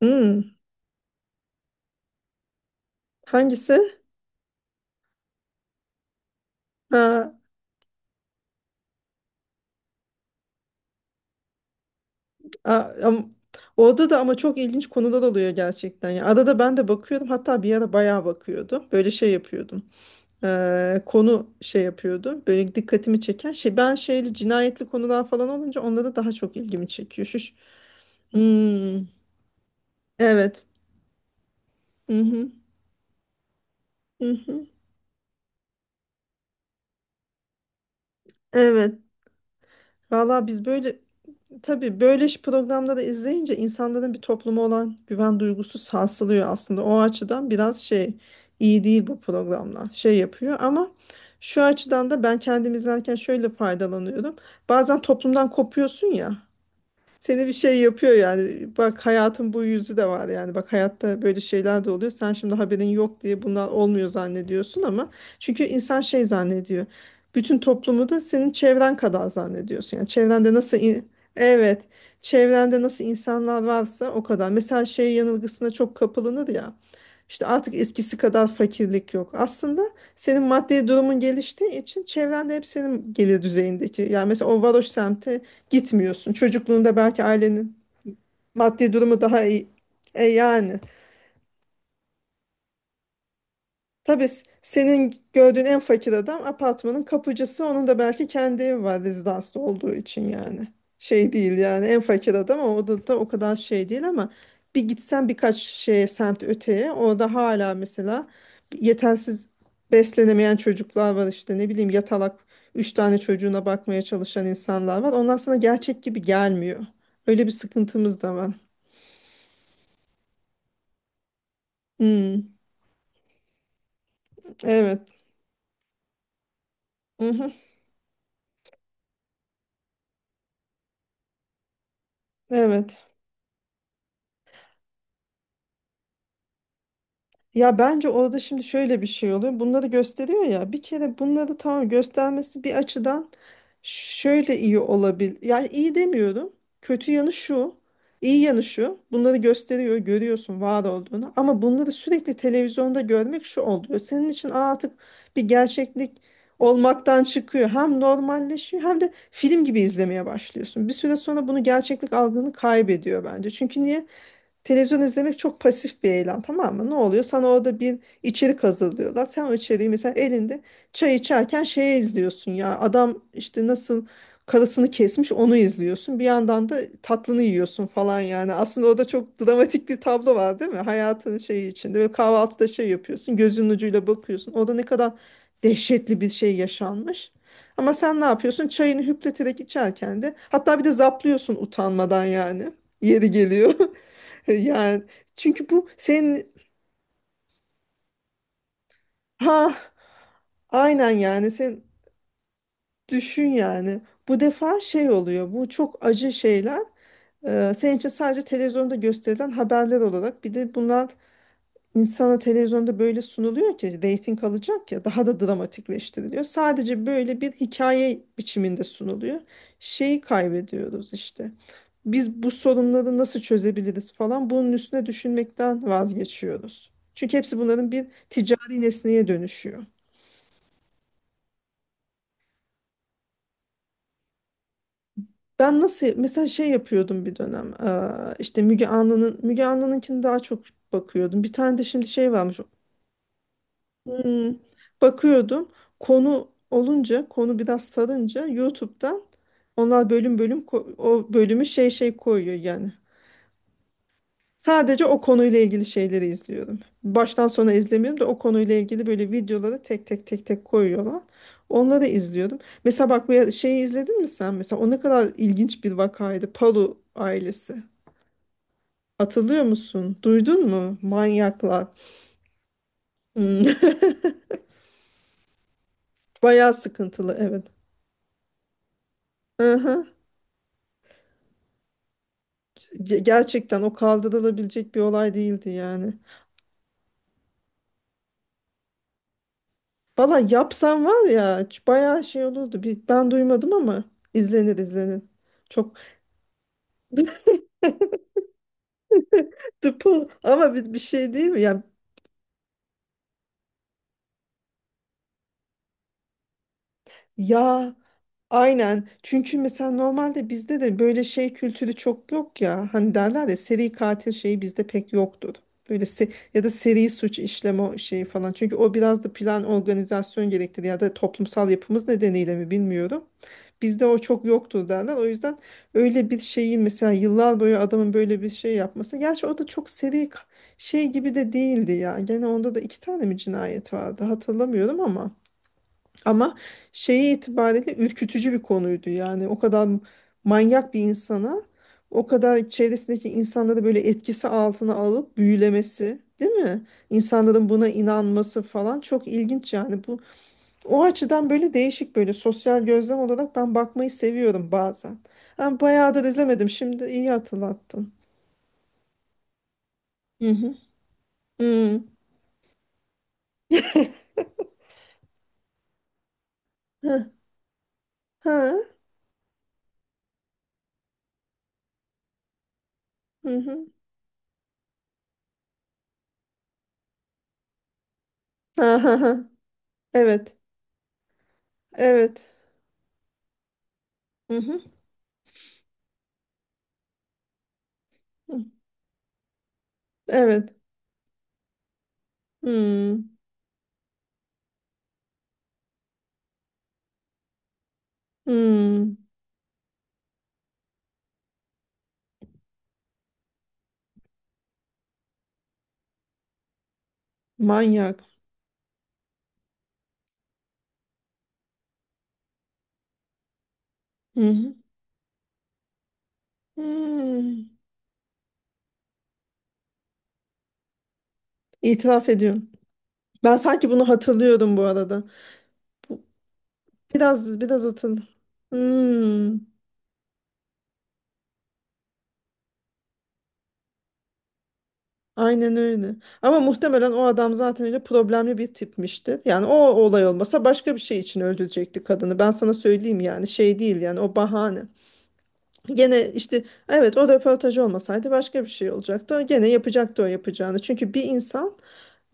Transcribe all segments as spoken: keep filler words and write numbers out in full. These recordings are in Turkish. Hmm, hangisi? Ha, a- am- orada da ama çok ilginç konular oluyor gerçekten. Ya adada ben de bakıyordum. Hatta bir ara bayağı bakıyordum. Böyle şey yapıyordum. Ee, konu şey yapıyordu. Böyle dikkatimi çeken şey. Ben şeyli cinayetli konular falan olunca onlara daha çok ilgimi çekiyor. Şu, şu- Hmm, evet. Hı hı, hı hı. Evet. Valla biz böyle. Tabii böyle iş programda da izleyince insanların bir topluma olan güven duygusu sarsılıyor aslında. O açıdan biraz şey, iyi değil bu programlar. Şey yapıyor ama şu açıdan da ben kendim izlerken şöyle faydalanıyorum. Bazen toplumdan kopuyorsun ya. Seni bir şey yapıyor yani. Bak hayatın bu yüzü de var yani. Bak hayatta böyle şeyler de oluyor. Sen şimdi haberin yok diye bunlar olmuyor zannediyorsun ama çünkü insan şey zannediyor. Bütün toplumu da senin çevren kadar zannediyorsun. Yani çevrende nasıl, in- evet, çevrende nasıl insanlar varsa o kadar. Mesela şey yanılgısına çok kapılınır ya. İşte artık eskisi kadar fakirlik yok. Aslında senin maddi durumun geliştiği için çevrende hep senin gelir düzeyindeki. Yani mesela o varoş semti gitmiyorsun. Çocukluğunda belki ailenin maddi durumu daha iyi. E yani. Tabii s- senin gördüğün en fakir adam apartmanın kapıcısı. Onun da belki kendi evi var rezidanslı olduğu için yani. Şey değil yani en fakir adam ama o da, da o kadar şey değil ama bir gitsen birkaç şeye semt öteye orada hala mesela yetersiz beslenemeyen çocuklar var işte ne bileyim yatalak üç tane çocuğuna bakmaya çalışan insanlar var. Onlar sana gerçek gibi gelmiyor. Öyle bir sıkıntımız da var. Hmm, evet. Mhm, evet. Ya bence orada şimdi şöyle bir şey oluyor. Bunları gösteriyor ya. Bir kere bunları tamam göstermesi bir açıdan şöyle iyi olabilir. Yani iyi demiyorum. Kötü yanı şu. İyi yanı şu. Bunları gösteriyor, görüyorsun var olduğunu. Ama bunları sürekli televizyonda görmek şu oluyor. Senin için "Aa, artık bir gerçeklik olmaktan çıkıyor." Hem normalleşiyor hem de film gibi izlemeye başlıyorsun. Bir süre sonra bunu gerçeklik algını kaybediyor bence. Çünkü niye? Televizyon izlemek çok pasif bir eylem, tamam mı? Ne oluyor? Sana orada bir içerik hazırlıyorlar. Sen o içeriği mesela elinde çay içerken şeye izliyorsun ya. Adam işte nasıl karısını kesmiş onu izliyorsun. Bir yandan da tatlını yiyorsun falan yani. Aslında orada çok dramatik bir tablo var, değil mi? Hayatın şeyi içinde. Böyle kahvaltıda şey yapıyorsun. Gözünün ucuyla bakıyorsun. Orada ne kadar dehşetli bir şey yaşanmış. Ama sen ne yapıyorsun? Çayını hüpleterek içerken de hatta bir de zaplıyorsun utanmadan yani. Yeri geliyor. Yani çünkü bu senin ha aynen yani sen düşün yani bu defa şey oluyor bu çok acı şeyler. E, senin için sadece televizyonda gösterilen haberler olarak bir de bunlar. İnsana televizyonda böyle sunuluyor ki reyting alacak ya, daha da dramatikleştiriliyor. Sadece böyle bir hikaye biçiminde sunuluyor. Şeyi kaybediyoruz işte. Biz bu sorunları nasıl çözebiliriz falan bunun üstüne düşünmekten vazgeçiyoruz. Çünkü hepsi bunların bir ticari nesneye dönüşüyor. Ben nasıl mesela şey yapıyordum bir dönem eee, işte Müge Anlı'nın Müge Anlı'nınkini daha çok bakıyordum. Bir tane de şimdi şey varmış. Hmm, bakıyordum. Konu olunca, konu biraz sarınca YouTube'dan onlar bölüm bölüm ko- o bölümü şey şey koyuyor yani. Sadece o konuyla ilgili şeyleri izliyorum. Baştan sona izlemiyorum da o konuyla ilgili böyle videoları tek tek tek tek koyuyorlar. Onları izliyorum. Mesela bak bir şeyi izledin mi sen? Mesela o ne kadar ilginç bir vakaydı. Palu ailesi. Hatırlıyor musun? Duydun mu? Manyaklar. Hmm. Bayağı sıkıntılı, evet. Hı hı. Ge- Gerçekten o kaldırılabilecek bir olay değildi yani. Valla yapsam var ya, ç- bayağı şey olurdu. Bir, ben duymadım ama izlenir izlenir. Çok dıpı ama bir, bir şey değil mi? Ya, ya aynen. Çünkü mesela normalde bizde de böyle şey kültürü çok yok ya. Hani derler ya seri katil şeyi bizde pek yoktur. Böyle se- ya da seri suç işleme şeyi falan. Çünkü o biraz da plan organizasyon gerektirir ya da toplumsal yapımız nedeniyle mi bilmiyorum. Bizde o çok yoktu derler. O yüzden öyle bir şeyi mesela yıllar boyu adamın böyle bir şey yapması. Gerçi o da çok seri ka- şey gibi de değildi ya. Gene onda da iki tane mi cinayet vardı hatırlamıyorum ama. Ama şeyi itibariyle ürkütücü bir konuydu. Yani o kadar manyak bir insana o kadar çevresindeki insanları böyle etkisi altına alıp büyülemesi, değil mi? İnsanların buna inanması falan çok ilginç yani bu, o açıdan böyle değişik böyle sosyal gözlem olarak ben bakmayı seviyorum bazen. Ben bayağıdır izlemedim. Şimdi iyi hatırlattın. Hı hı. Hı. Hı. Ha. Hı hı. Ha, ha, ha. Evet. Evet. Hı hı. Hı. Evet. Hı. Hı. Manyak. Hı hı. Hı. İtiraf ediyorum. Ben sanki bunu hatırlıyorum bu arada. Biraz biraz hatırlıyorum. Aynen öyle. Ama muhtemelen o adam zaten öyle problemli bir tipmişti. Yani o olay olmasa başka bir şey için öldürecekti kadını. Ben sana söyleyeyim yani şey değil yani o bahane. Gene işte evet o röportaj olmasaydı başka bir şey olacaktı. O gene yapacaktı o yapacağını. Çünkü bir insan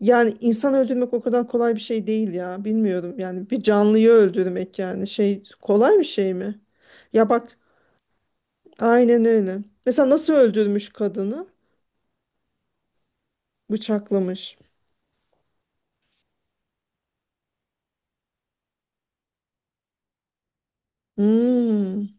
yani insan öldürmek o kadar kolay bir şey değil ya. Bilmiyorum yani bir canlıyı öldürmek yani şey kolay bir şey mi? Ya bak aynen öyle. Mesela nasıl öldürmüş kadını? Bıçaklamış. Hmm.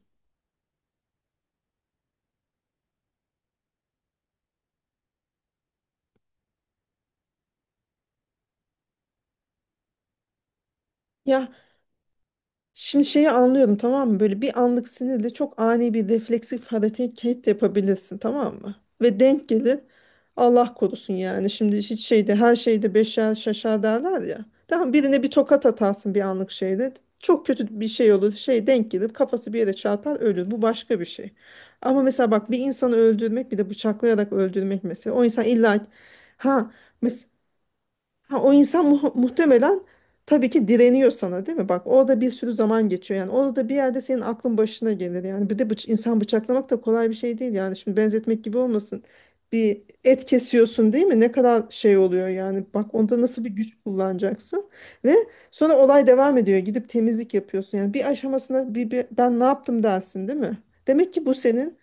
Ya şimdi şeyi anlıyorum, tamam mı? Böyle bir anlık sinirle çok ani bir refleksif hareket yapabilirsin, tamam mı? Ve denk gelir, Allah korusun yani. Şimdi hiç şeyde her şeyde beşer şaşar derler ya. Tamam, birine bir tokat atarsın bir anlık şeyle. Çok kötü bir şey olur. Şey denk gelir, kafası bir yere çarpar, ölür. Bu başka bir şey. Ama mesela bak bir insanı öldürmek, bir de bıçaklayarak öldürmek mesela. O insan illa ha mes Ha, o insan muh- muhtemelen tabii ki direniyor sana, değil mi? Bak orada bir sürü zaman geçiyor. Yani orada bir yerde senin aklın başına gelir. Yani bir de bıç insan bıçaklamak da kolay bir şey değil. Yani şimdi benzetmek gibi olmasın. Bir et kesiyorsun, değil mi? Ne kadar şey oluyor yani. Bak onda nasıl bir güç kullanacaksın. Ve sonra olay devam ediyor. Gidip temizlik yapıyorsun. Yani bir aşamasına bir, bir ben ne yaptım dersin, değil mi? Demek ki bu senin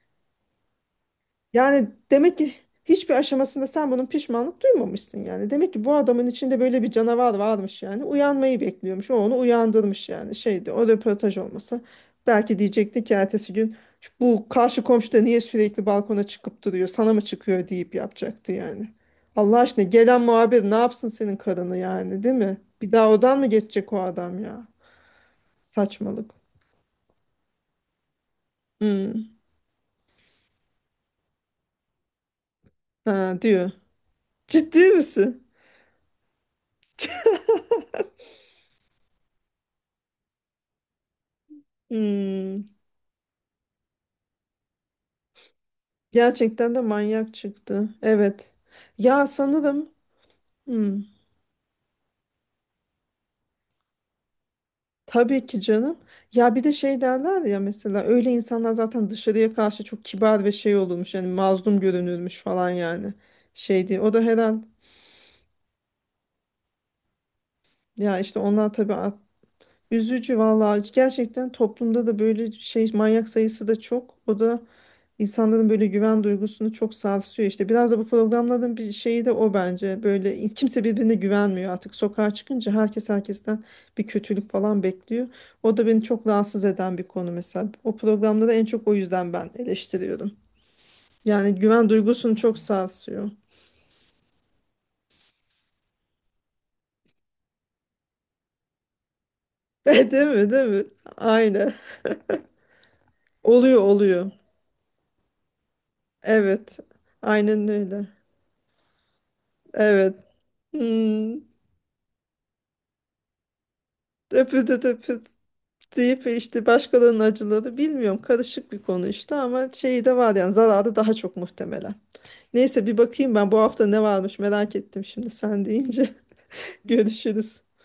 yani demek ki hiçbir aşamasında sen bunun pişmanlık duymamışsın yani. Demek ki bu adamın içinde böyle bir canavar varmış yani. Uyanmayı bekliyormuş. O onu uyandırmış yani. Şeydi o röportaj olmasa. Belki diyecekti ki ertesi gün, "Şu bu karşı komşu da niye sürekli balkona çıkıp duruyor? Sana mı çıkıyor?" deyip yapacaktı yani. Allah aşkına gelen muhabir ne yapsın senin karını yani, değil mi? Bir daha odan mı geçecek o adam ya? Saçmalık. Hmm. Ha, diyor. Ciddi misin? Hmm. Gerçekten de manyak çıktı. Evet. Ya sanırım hmm, tabii ki canım. Ya bir de şey derler ya mesela, öyle insanlar zaten dışarıya karşı çok kibar ve şey olurmuş. Yani mazlum görünürmüş falan yani. Şeydi. O da herhal ya işte onlar tabii. Üzücü vallahi, gerçekten toplumda da böyle şey manyak sayısı da çok. O da insanların böyle güven duygusunu çok sarsıyor işte. Biraz da bu programların bir şeyi de o bence. Böyle kimse birbirine güvenmiyor artık. Sokağa çıkınca herkes herkesten bir kötülük falan bekliyor. O da beni çok rahatsız eden bir konu mesela. O programda da en çok o yüzden ben eleştiriyorum. Yani güven duygusunu çok sarsıyor. Değil mi? Değil mi? Aynen. Oluyor oluyor. Evet. Aynen öyle. Evet. Hmm. Öpüldü öpüldü deyip işte başkalarının acıları bilmiyorum, karışık bir konu işte ama şeyi de var yani, zararı daha çok muhtemelen. Neyse bir bakayım ben bu hafta ne varmış, merak ettim şimdi sen deyince. Görüşürüz.